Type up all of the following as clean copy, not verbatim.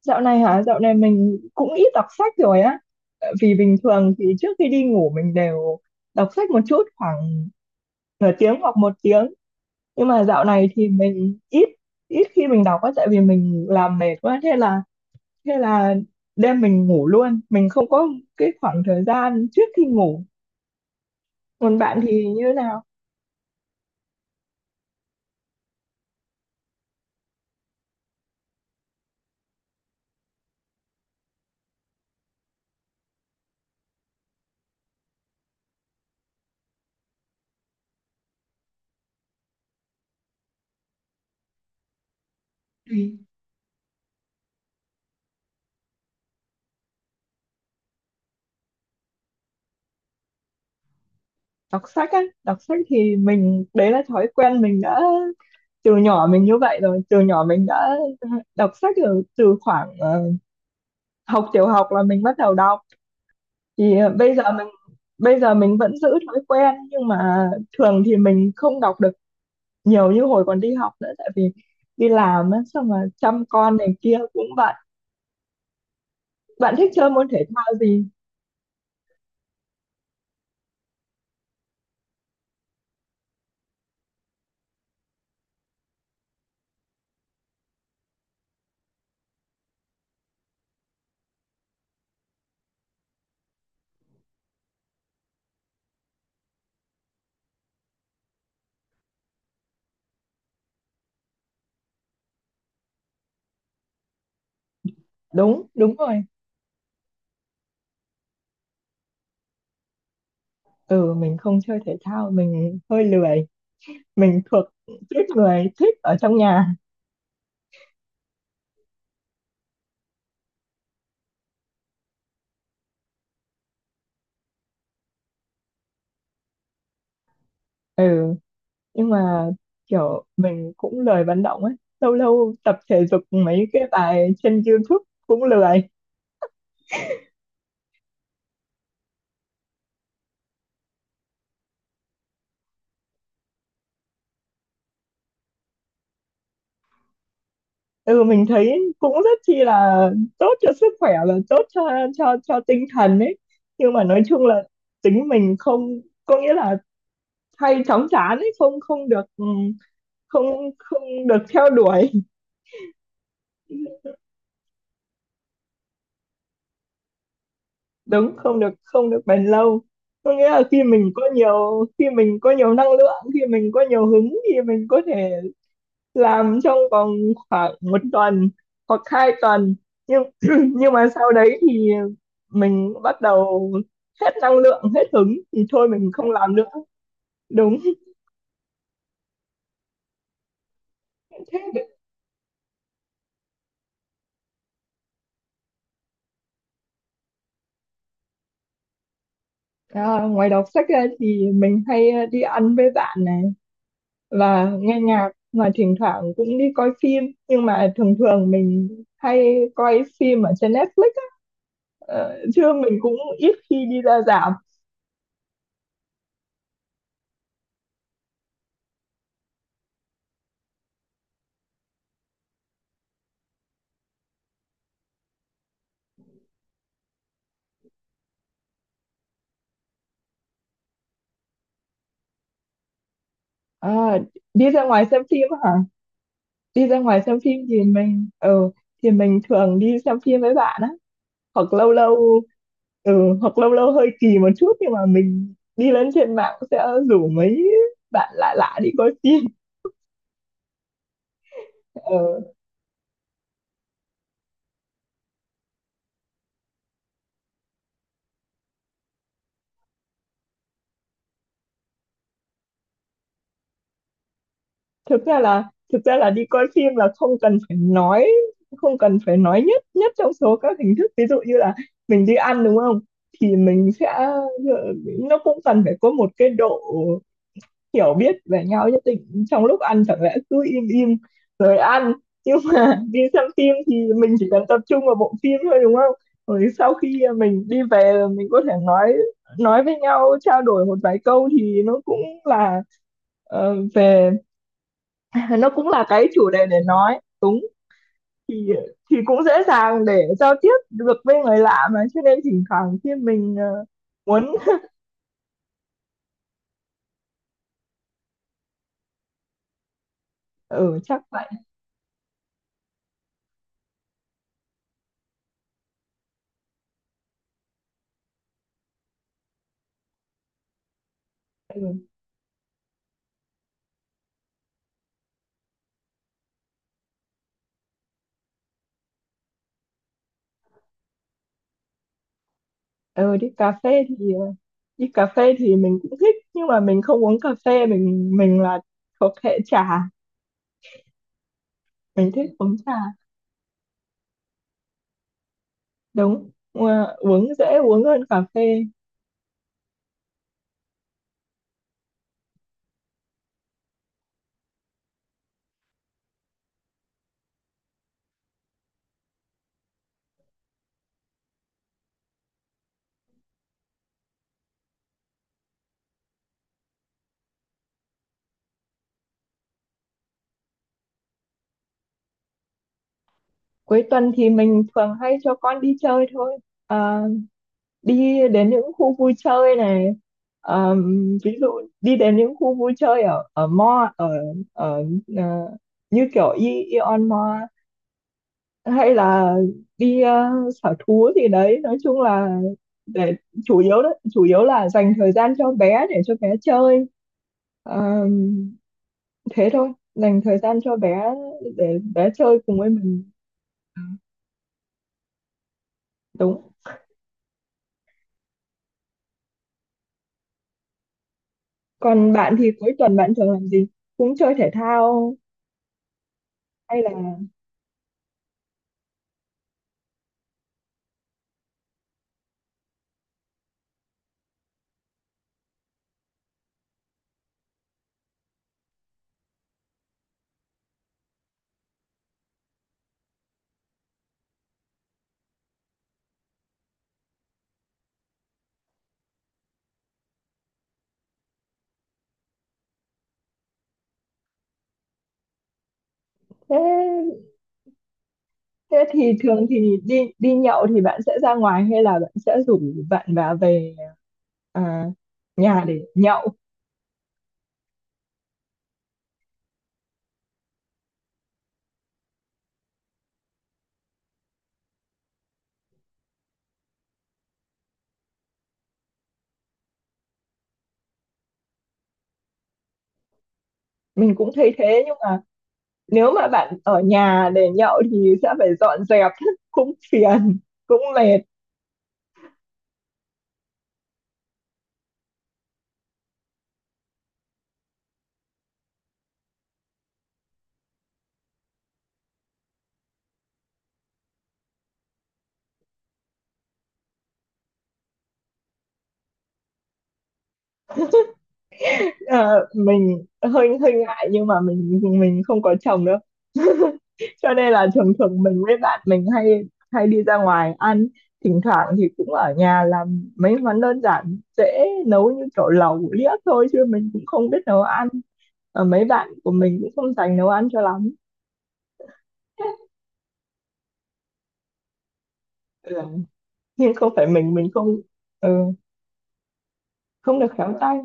Dạo này hả? Dạo này mình cũng ít đọc sách rồi á. Tại vì bình thường thì trước khi đi ngủ mình đều đọc sách một chút khoảng nửa tiếng hoặc một tiếng. Nhưng mà dạo này thì mình ít ít khi mình đọc á, tại vì mình làm mệt quá thế là đêm mình ngủ luôn. Mình không có cái khoảng thời gian trước khi ngủ. Còn bạn thì như thế nào? Ừ. Đọc sách á, đọc sách thì mình đấy là thói quen mình đã từ nhỏ, mình như vậy rồi, từ nhỏ mình đã đọc sách từ từ khoảng học tiểu học là mình bắt đầu đọc, thì bây giờ mình vẫn giữ thói quen nhưng mà thường thì mình không đọc được nhiều như hồi còn đi học nữa, tại vì đi làm á, xong mà chăm con này kia cũng bận. Bạn thích chơi môn thể thao gì? Đúng đúng rồi. Ừ, mình không chơi thể thao, mình hơi lười, mình thuộc tuýp người thích ở trong nhà. Ừ, nhưng mà kiểu mình cũng lười vận động ấy, lâu lâu tập thể dục mấy cái bài trên YouTube cũng lười. Ừ, mình thấy cũng rất chi là tốt cho sức khỏe, là tốt cho tinh thần ấy, nhưng mà nói chung là tính mình không có nghĩa là hay chóng chán ấy, không không được ừ, không không được theo đuổi. Đúng, không được bền lâu, có nghĩa là khi mình có nhiều năng lượng, khi mình có nhiều hứng thì mình có thể làm trong vòng khoảng một tuần hoặc 2 tuần, nhưng nhưng mà sau đấy thì mình bắt đầu hết năng lượng, hết hứng thì thôi mình không làm nữa. Đúng. Thế à, ngoài đọc sách ra thì mình hay đi ăn với bạn này và nghe nhạc, mà thỉnh thoảng cũng đi coi phim, nhưng mà thường thường mình hay coi phim ở trên Netflix á. Chứ mình cũng ít khi đi ra rạp. À, đi ra ngoài xem phim hả? Đi ra ngoài xem phim thì thì mình thường đi xem phim với bạn á, hoặc lâu lâu ừ, hoặc lâu lâu hơi kỳ một chút, nhưng mà mình đi lên trên mạng sẽ rủ mấy bạn lạ lạ đi coi phim. Ừ. thực ra là thực ra là đi coi phim là không cần phải nói nhất nhất trong số các hình thức. Ví dụ như là mình đi ăn đúng không, thì mình sẽ ừ, nó cũng cần phải có một cái độ hiểu biết về nhau nhất định, trong lúc ăn chẳng lẽ cứ im im rồi ăn, nhưng mà đi xem phim thì mình chỉ cần tập trung vào bộ phim thôi đúng không? Rồi sau khi mình đi về là mình có thể nói với nhau, trao đổi một vài câu thì nó cũng là ờ, về nó cũng là cái chủ đề để nói đúng. Thì thì cũng dễ dàng để giao tiếp được với người lạ mà, cho nên thỉnh thoảng khi mình muốn. Ừ, chắc vậy. Ừ. Ừ, đi cà phê thì mình cũng thích nhưng mà mình không uống cà phê, mình là thuộc hệ trà, mình thích uống trà. Đúng. Ờ, uống dễ uống hơn cà phê. Cuối tuần thì mình thường hay cho con đi chơi thôi. Ờ, đi đến những khu vui chơi này. Ờ, ví dụ đi đến những khu vui chơi ở ở mall, ở ở ờ, như kiểu Ion Mall, hay là đi sở thú gì đấy, nói chung là để chủ yếu là dành thời gian cho bé, để cho bé chơi. Ờ, thế thôi, dành thời gian cho bé để bé chơi cùng với mình. Đúng. Còn bạn thì cuối tuần bạn thường làm gì? Cũng chơi thể thao hay là? Thế. Thế thì thường thì đi đi nhậu thì bạn sẽ ra ngoài hay là bạn sẽ rủ bạn vào về à, nhà để nhậu? Mình cũng thấy thế, nhưng mà nếu mà bạn ở nhà để nhậu thì sẽ phải dọn dẹp, cũng phiền, cũng mệt. Ờ, mình hơi hơi ngại nhưng mà mình không có chồng đâu. Cho nên là thường thường mình với bạn mình hay hay đi ra ngoài ăn, thỉnh thoảng thì cũng ở nhà làm mấy món đơn giản dễ nấu như kiểu lẩu liếc thôi, chứ mình cũng không biết nấu ăn. Ờ, mấy bạn của mình cũng không dành nấu ăn cho lắm. Ừ. Nhưng không phải mình ừ, không được khéo tay.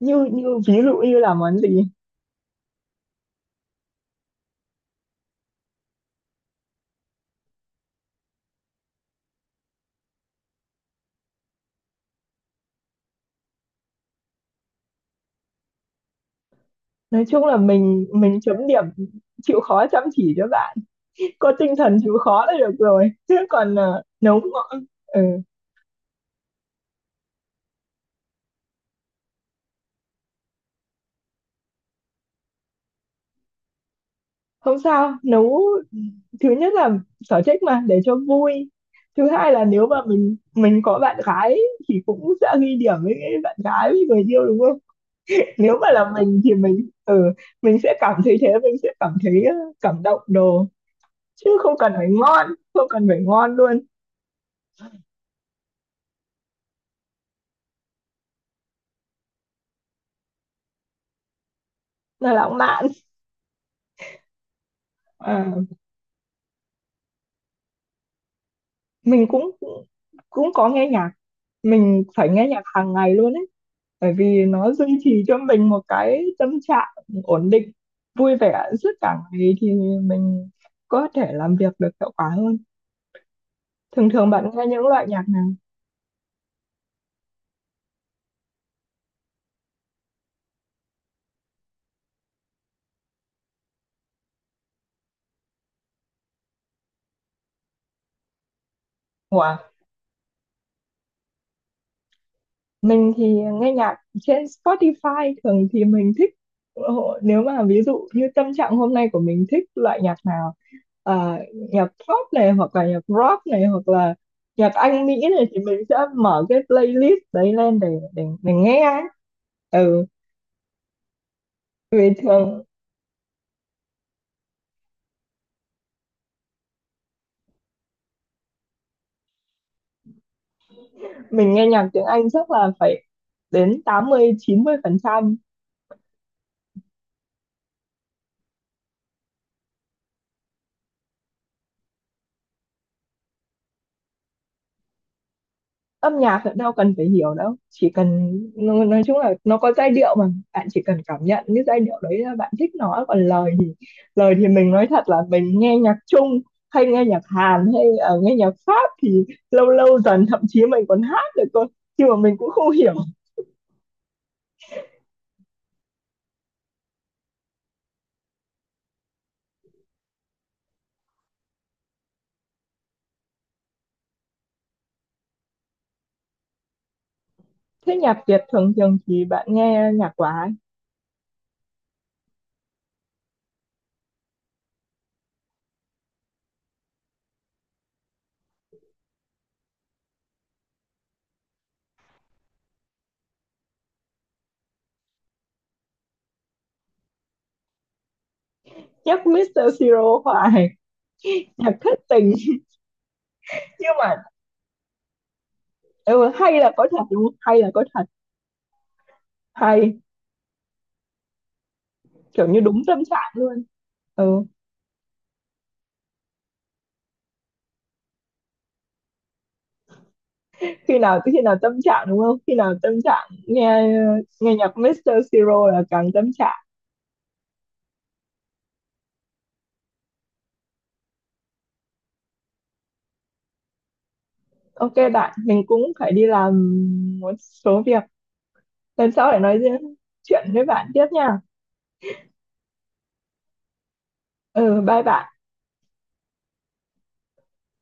Như như ví dụ như là món gì? Nói chung là mình chấm điểm chịu khó chăm chỉ cho bạn, có tinh thần chịu khó là được rồi, chứ còn ừ. Không sao. Nấu, thứ nhất là sở thích mà, để cho vui, thứ hai là nếu mà mình có bạn gái thì cũng sẽ ghi điểm với bạn gái, với người yêu đúng không? Nếu mà là mình thì mình sẽ cảm thấy thế, mình sẽ cảm thấy cảm động đồ, chứ không cần phải ngon, không cần phải ngon luôn, là lãng mạn. Ờ. Mình cũng cũng có nghe nhạc. Mình phải nghe nhạc hàng ngày luôn ấy, bởi vì nó duy trì cho mình một cái tâm trạng ổn định vui vẻ suốt cả ngày, thì mình có thể làm việc được hiệu quả hơn. Thường thường bạn nghe những loại nhạc nào? Ủa? Mình thì nghe nhạc trên Spotify, thường thì mình thích nếu mà ví dụ như tâm trạng hôm nay của mình thích loại nhạc nào, nhạc pop này hoặc là nhạc rock này hoặc là nhạc Anh Mỹ này, thì mình sẽ mở cái playlist đấy lên để nghe ấy. Ừ, vì thường mình nghe nhạc tiếng Anh chắc là phải đến tám mươi mươi 90%. Âm nhạc thì đâu cần phải hiểu đâu, chỉ cần nói chung là nó có giai điệu mà, bạn chỉ cần cảm nhận cái giai điệu đấy là bạn thích nó, còn lời thì mình nói thật là mình nghe nhạc Trung hay nghe nhạc Hàn hay nghe nhạc Pháp thì lâu lâu dần thậm chí mình còn hát được cơ, nhưng mà mình cũng không hiểu. Thế nhạc Việt thường thường thì bạn nghe nhạc của ai? Nhạc Mr. Siro hoài, nhạc thất tình. Nhưng mà, ừ, hay là có thật đúng không, hay là có thật, hay kiểu như đúng tâm trạng luôn. Ừ. Khi nào tâm trạng đúng không, khi nào tâm trạng nghe nghe nhạc Mr. Siro là càng tâm trạng. OK bạn, mình cũng phải đi làm một số việc, lần sau để nói riêng chuyện với bạn tiếp nha. Ừ, bye bạn.